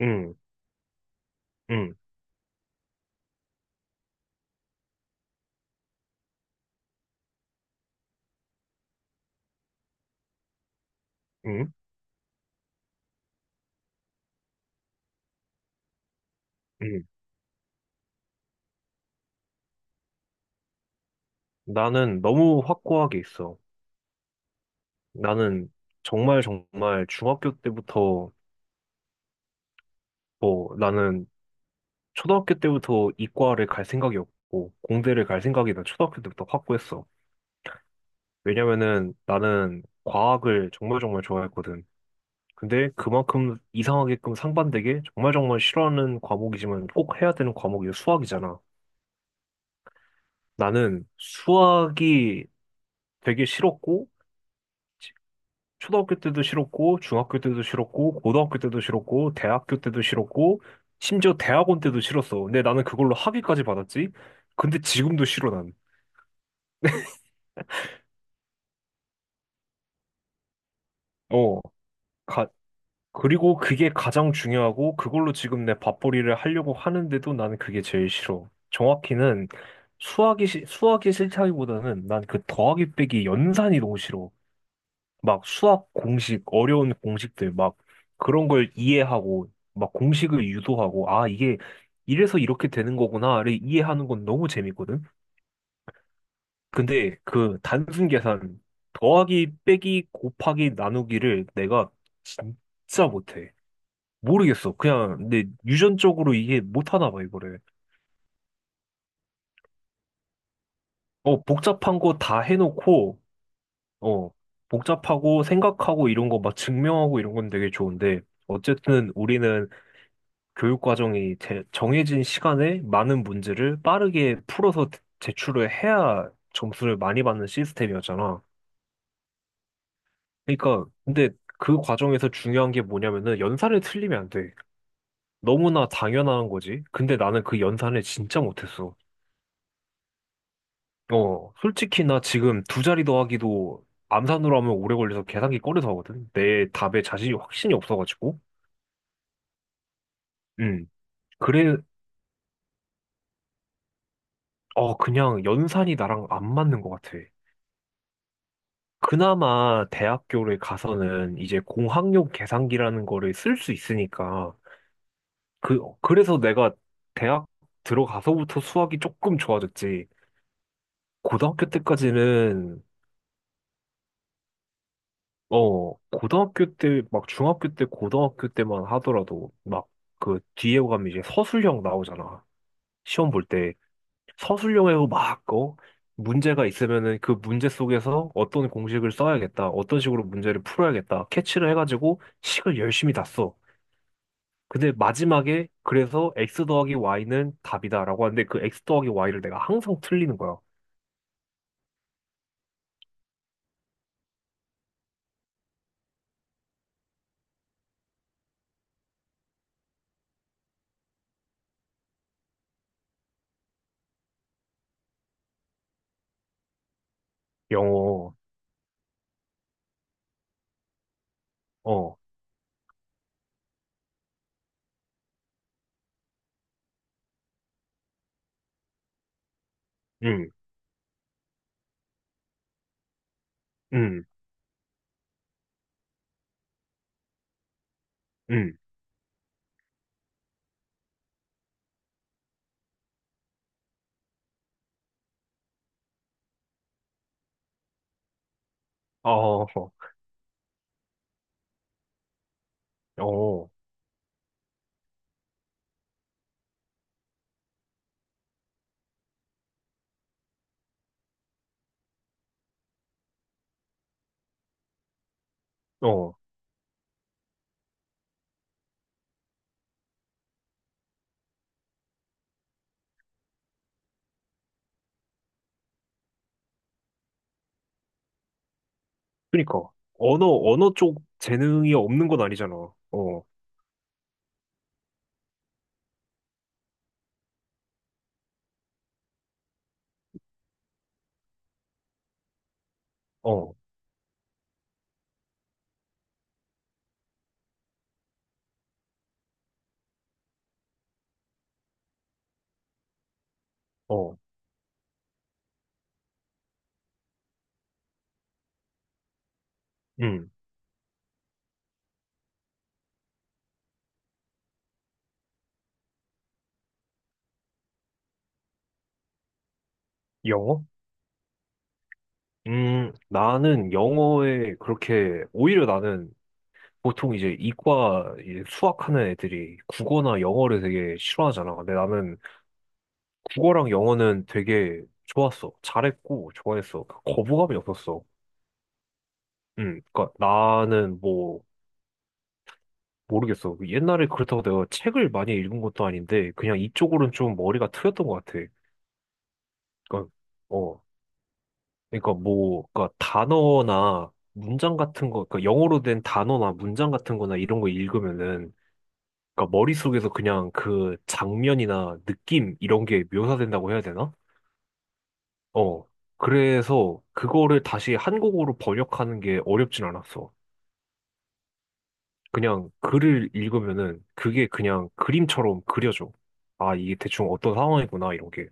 응, 응, 응, 응. 나는 너무 확고하게 있어. 나는 정말 정말 중학교 때부터 뭐 나는 초등학교 때부터 이과를 갈 생각이 없고 공대를 갈 생각이 나 초등학교 때부터 확고했어. 왜냐면은 나는 과학을 정말 정말 좋아했거든. 근데 그만큼 이상하게끔 상반되게 정말 정말 싫어하는 과목이지만 꼭 해야 되는 과목이 수학이잖아. 나는 수학이 되게 싫었고 초등학교 때도 싫었고, 중학교 때도 싫었고, 고등학교 때도 싫었고, 대학교 때도 싫었고, 심지어 대학원 때도 싫었어. 근데 나는 그걸로 학위까지 받았지? 근데 지금도 싫어, 난. 어, 가, 그리고 그게 가장 중요하고, 그걸로 지금 내 밥벌이를 하려고 하는데도 나는 그게 제일 싫어. 정확히는 수학이, 수학이 싫다기보다는 난 그 더하기 빼기 연산이 너무 싫어. 막 수학 공식, 어려운 공식들, 막 그런 걸 이해하고, 막 공식을 유도하고, 아, 이게 이래서 이렇게 되는 거구나를 이해하는 건 너무 재밌거든? 근데 그 단순 계산, 더하기, 빼기, 곱하기, 나누기를 내가 진짜 못해. 모르겠어. 그냥 내 유전적으로 이게 못하나 봐, 이거를. 어, 복잡한 거 다 해놓고, 어, 복잡하고 생각하고 이런 거 막 증명하고 이런 건 되게 좋은데, 어쨌든 우리는 교육 과정이 정해진 시간에 많은 문제를 빠르게 풀어서 제출을 해야 점수를 많이 받는 시스템이었잖아. 그러니까 근데 그 과정에서 중요한 게 뭐냐면은 연산을 틀리면 안 돼. 너무나 당연한 거지. 근데 나는 그 연산을 진짜 못했어. 어, 솔직히 나 지금 두 자리 더하기도 암산으로 하면 오래 걸려서 계산기 꺼내서 하거든. 내 답에 자신이 확신이 없어가지고. 음. 그래, 어, 그냥 연산이 나랑 안 맞는 것 같아. 그나마 대학교를 가서는 이제 공학용 계산기라는 거를 쓸 수 있으니까 그 그래서 내가 대학 들어가서부터 수학이 조금 좋아졌지. 고등학교 때까지는 어 고등학교 때 막 중학교 때 고등학교 때만 하더라도 막 그 뒤에 가면 이제 서술형 나오잖아. 시험 볼 때 서술형에서 막어 문제가 있으면은 그 문제 속에서 어떤 공식을 써야겠다, 어떤 식으로 문제를 풀어야겠다, 캐치를 해가지고 식을 열심히 다 써. 근데 마지막에 그래서 x 더하기 y는 답이다라고 하는데 그 x 더하기 y를 내가 항상 틀리는 거야. 영어, 어, 응 응 응 어, 어, 어. 그러니까 언어 언어 쪽 재능이 없는 건 아니잖아. 어, 어, 어, 응 영어? 나는 영어에 그렇게 오히려 나는 보통 이제 이과 이제 수학하는 애들이 국어나 영어를 되게 싫어하잖아. 근데 나는 국어랑 영어는 되게 좋았어. 잘했고, 좋아했어. 그 거부감이 없었어. 그니까 나는 뭐, 모르겠어. 그 옛날에 그렇다고 내가 책을 많이 읽은 것도 아닌데, 그냥 이쪽으로는 좀 머리가 트였던 것 같아. 그니까, 어, 그니까 뭐, 그니까 단어나 문장 같은 거, 그니까 영어로 된 단어나 문장 같은 거나 이런 거 읽으면은, 그니까 머릿속에서 그냥 그 장면이나 느낌, 이런 게 묘사된다고 해야 되나? 어, 그래서 그거를 다시 한국어로 번역하는 게 어렵진 않았어. 그냥 글을 읽으면은 그게 그냥 그림처럼 그려져. 아, 이게 대충 어떤 상황이구나, 이런 게.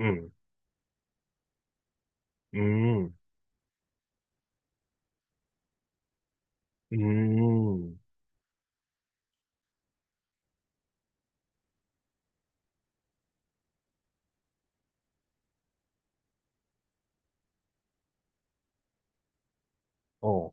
음, 음, 음, 어.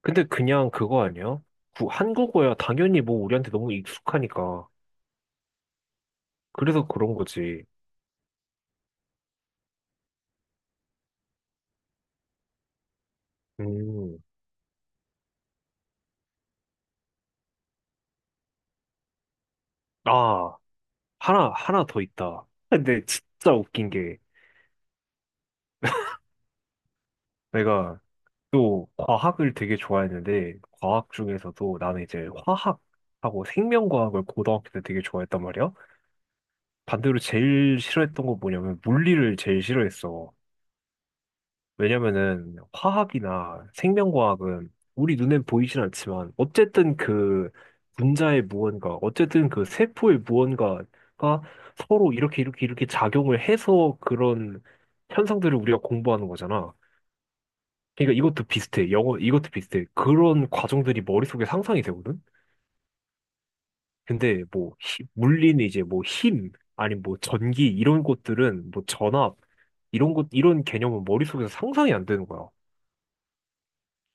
근데 그냥 그거 아니야? 한국어야 당연히 뭐 우리한테 너무 익숙하니까. 그래서 그런 거지. 음, 아, 하나, 하나 더 있다. 근데 진짜 웃긴 게 내가 또 과학을 되게 좋아했는데 과학 중에서도 나는 이제 화학하고 생명과학을 고등학교 때 되게 좋아했단 말이야. 반대로 제일 싫어했던 거 뭐냐면 물리를 제일 싫어했어. 왜냐면은 화학이나 생명과학은 우리 눈엔 보이진 않지만 어쨌든 그 분자의 무언가, 어쨌든 그 세포의 무언가가 서로 이렇게 이렇게 이렇게 작용을 해서 그런 현상들을 우리가 공부하는 거잖아. 그러니까 이것도 비슷해. 영어, 이것도 비슷해. 그런 과정들이 머릿속에 상상이 되거든? 근데 뭐, 물리는 이제 뭐 힘, 아니면 뭐 전기, 이런 것들은 뭐 전압, 이런 것, 이런 개념은 머릿속에서 상상이 안 되는 거야.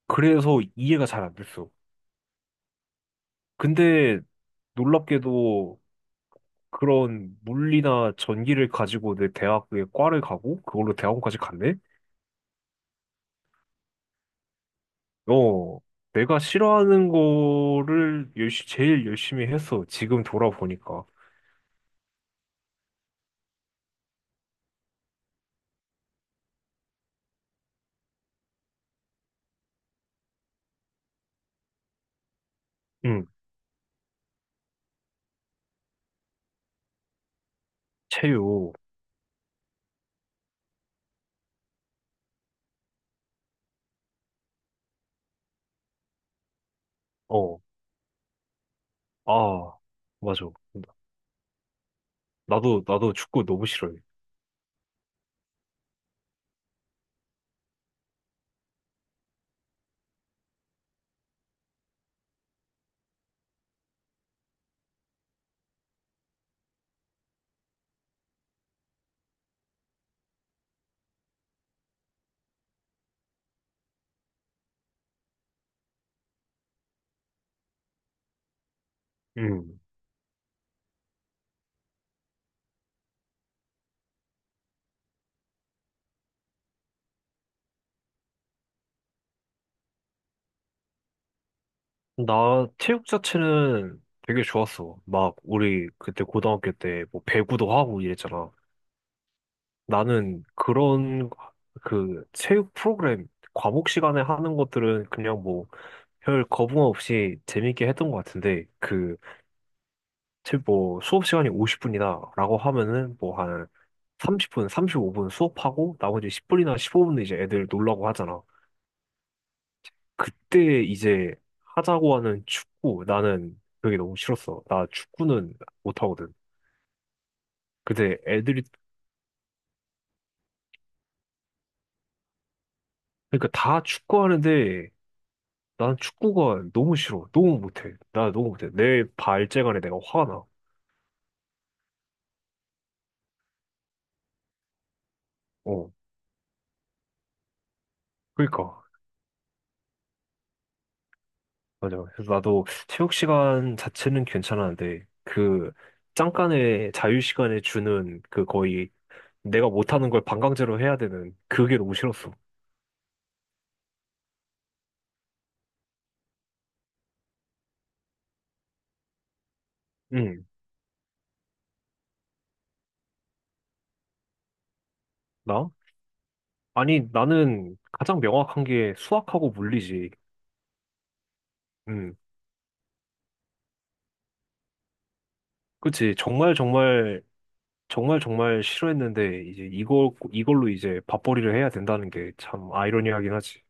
그래서 이해가 잘 안 됐어. 근데 놀랍게도 그런 물리나 전기를 가지고 내 대학의 과를 가고, 그걸로 대학원까지 갔네? 어, 내가 싫어하는 거를 제일 열심히 했어. 지금 돌아보니까. 응. 체육, 어, 아, 맞아. 나도, 나도 축구 너무 싫어해. 음. 나 체육 자체는 되게 좋았어. 막, 우리 그때 고등학교 때 뭐 배구도 하고 이랬잖아. 나는 그런 그 체육 프로그램, 과목 시간에 하는 것들은 그냥 뭐 별 거부감 없이 재밌게 했던 것 같은데, 그, 뭐 수업 시간이 50분이다라고 하면은 뭐 한 30분, 35분 수업하고 나머지 10분이나 15분 이제 애들 놀라고 하잖아. 그때 이제 하자고 하는 축구, 나는 그게 너무 싫었어. 나 축구는 못하거든. 근데 애들이, 그러니까 다 축구하는데 난 축구가 너무 싫어. 너무 못해. 나 너무 못해. 내 발재간에 내가 화가 나. 어, 그러니까. 맞아. 그래서 나도 체육 시간 자체는 괜찮았는데 그 잠깐의 자유 시간에 주는 그 거의 내가 못하는 걸 반강제로 해야 되는 그게 너무 싫었어. 응, 나? 아니, 나는 가장 명확한 게 수학하고 물리지. 음. 그치. 정말, 정말, 정말, 정말 싫어했는데, 이제 이걸로 이제 밥벌이를 해야 된다는 게 참 아이러니하긴 하지.